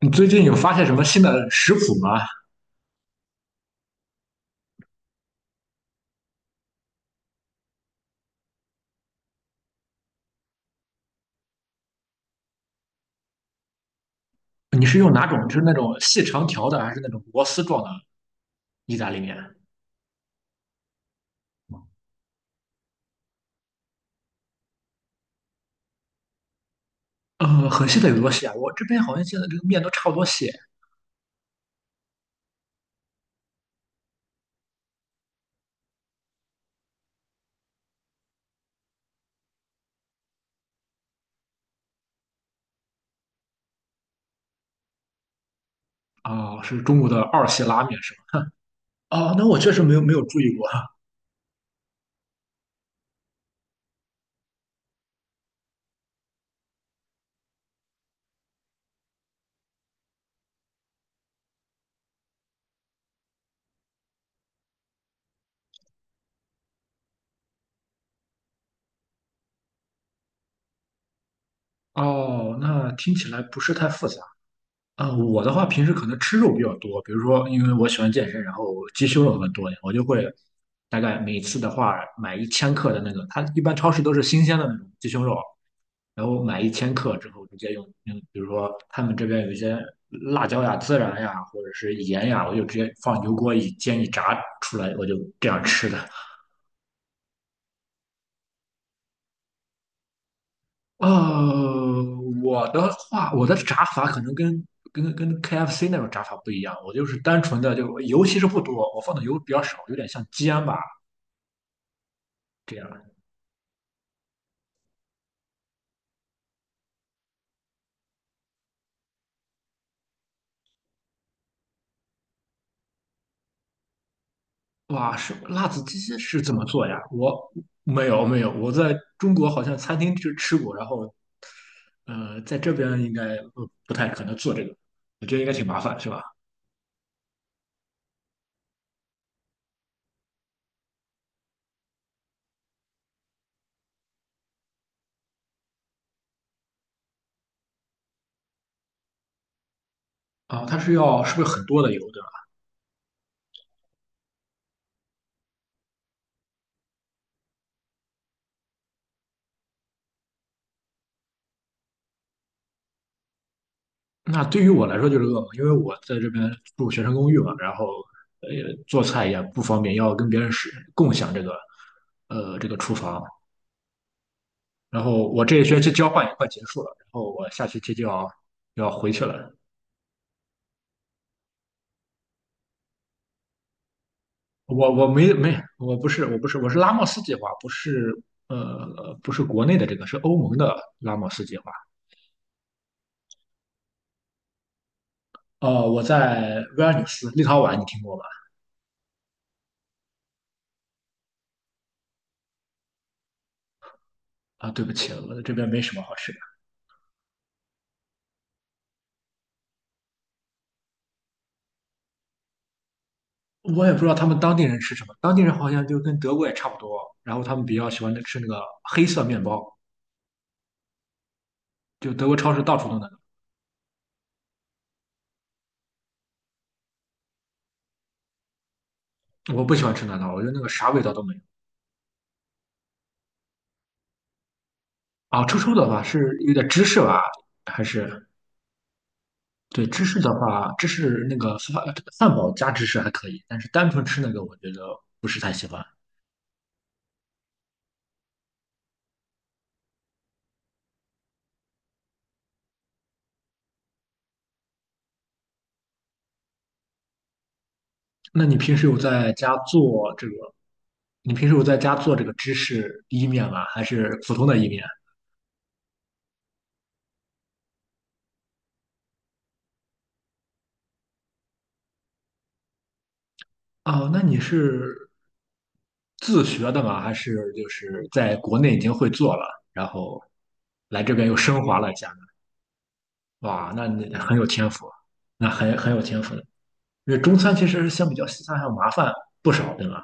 你最近有发现什么新的食谱吗？你是用哪种？就是那种细长条的，还是那种螺丝状的意大利面？很细的有多细啊？我这边好像现在这个面都差不多细啊，是中国的二细拉面是吗？哦，那我确实没有注意过。哦，那听起来不是太复杂。啊、我的话平时可能吃肉比较多，比如说因为我喜欢健身，然后鸡胸肉更多一点，我就会大概每次的话买一千克的那个，它一般超市都是新鲜的那种鸡胸肉，然后买一千克之后直接用，比如说他们这边有一些辣椒呀、孜然呀，或者是盐呀，我就直接放油锅一煎一炸出来，我就这样吃的。呃，我的话，我的炸法可能跟KFC 那种炸法不一样，我就是单纯的，就油其实不多，我放的油比较少，有点像煎吧这样。哇，是辣子鸡是怎么做呀？我没有没有，我在中国好像餐厅就吃过，然后在这边应该不太可能做这个，我觉得应该挺麻烦，是吧？啊，它是要是不是很多的油？的？那对于我来说就是噩梦，因为我在这边住学生公寓嘛，然后呃做菜也不方便，要跟别人是共享这个这个厨房。然后我这一学期交换也快结束了，然后我下学期就要回去了。我我没没我不是我不是我是拉莫斯计划，不是不是国内的这个，是欧盟的拉莫斯计划。我在维尔纽斯，立陶宛，你听过吗？啊，对不起，我这边没什么好吃的。我也不知道他们当地人吃什么，当地人好像就跟德国也差不多，然后他们比较喜欢吃那个黑色面包，就德国超市到处都那个。我不喜欢吃那个，我觉得那个啥味道都没有。啊，臭臭的话是有点芝士吧，还是对芝士的话，芝士那个堡加芝士还可以，但是单纯吃那个我觉得不是太喜欢。那你平时有在家做这个？你平时有在家做这个芝士意面吗？还是普通的意面？哦，那你是自学的嘛，还是就是在国内已经会做了，然后来这边又升华了一下呢？哇，那你很有天赋，那很有天赋的。因为中餐其实相比较西餐还要麻烦不少，对吧？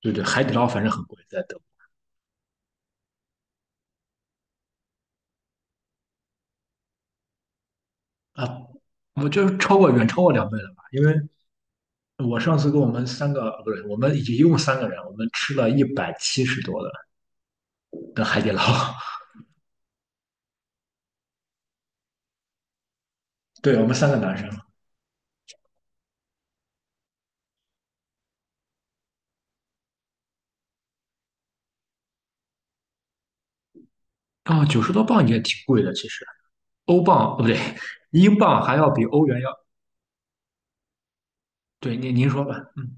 对对，海底捞反正很贵，在德国啊，我就是远超过两倍了吧？因为我上次跟我们三个不是，我们一共三个人，我们吃了170多的海底捞，对我们三个男生，啊，90多镑也挺贵的，其实欧镑哦不对，英镑还要比欧元要对，您说吧，嗯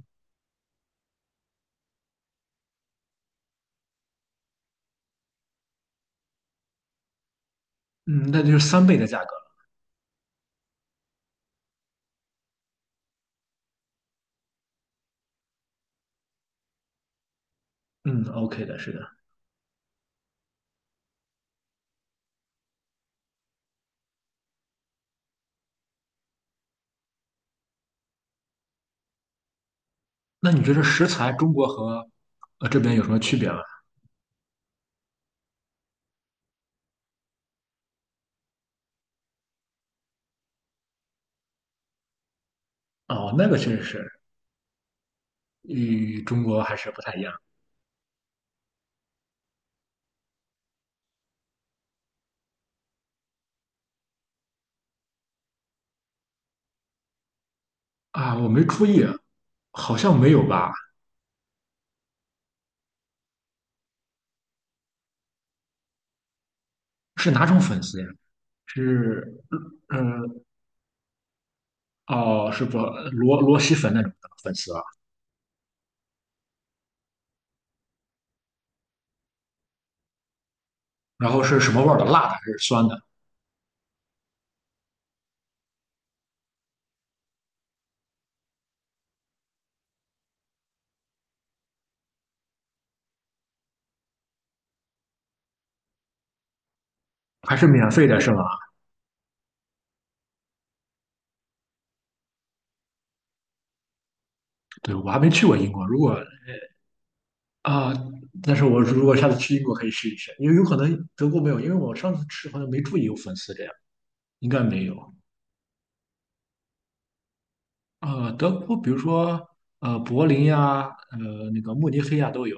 嗯，那就是三倍的价格，嗯，OK 的，是的。那你觉得食材中国和这边有什么区别吗？哦，那个确实是与中国还是不太一样啊，我没注意，好像没有吧？是哪种粉丝呀？是嗯哦，是不蛳粉那种的粉丝啊？然后是什么味儿的？辣的还是酸的？还是免费的是吗？对，我还没去过英国，如果啊，但是我如果下次去英国可以试一试，因为有可能德国没有，因为我上次吃好像没注意有粉丝这样，应该没有。啊，德国比如说柏林呀、那个慕尼黑呀、都有。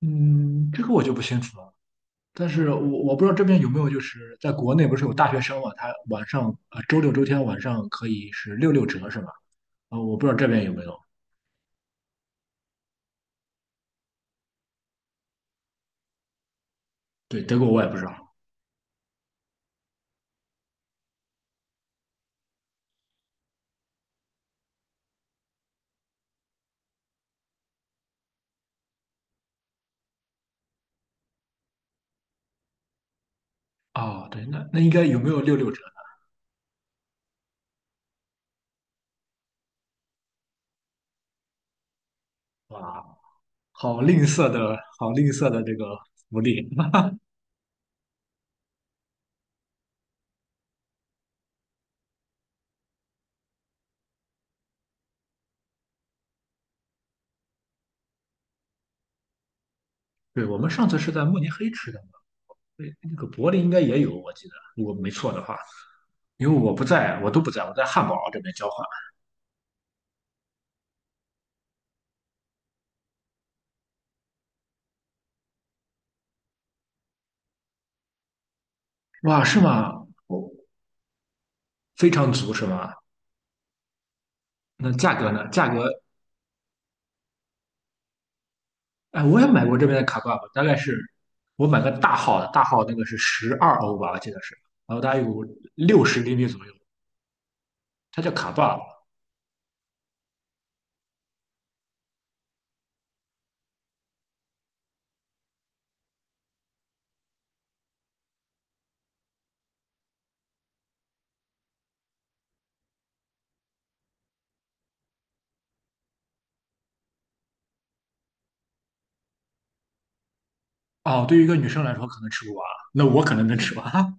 嗯，这个我就不清楚了。但是我不知道这边有没有，就是在国内不是有大学生嘛，他晚上周六周天晚上可以是六六折是吧？啊、我不知道这边有没有。对，德国我也不知道。哦，对，那应该有没有六六折呢？哇，好吝啬的，好吝啬的这个福利。对，我们上次是在慕尼黑吃的嘛，对，那个柏林应该也有，我记得，如果没错的话，因为我不在，我都不在，我在汉堡这边交换。哇，是吗？哦，非常足是吗？那价格呢？价格，哎，我也买过这边的卡挂吧，大概是我买个大号的，大号那个是12欧吧，我记得是，然后大概有60厘米左右，它叫卡挂。哦，对于一个女生来说可能吃不完，那我可能能吃完。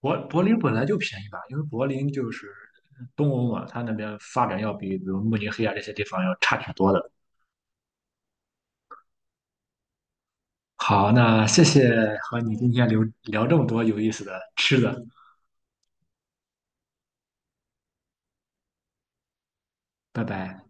林本来就便宜吧，因为柏林就是东欧嘛，它那边发展要比如慕尼黑啊这些地方要差挺多的。好，那谢谢和你今天聊聊这么多有意思的吃的，拜拜。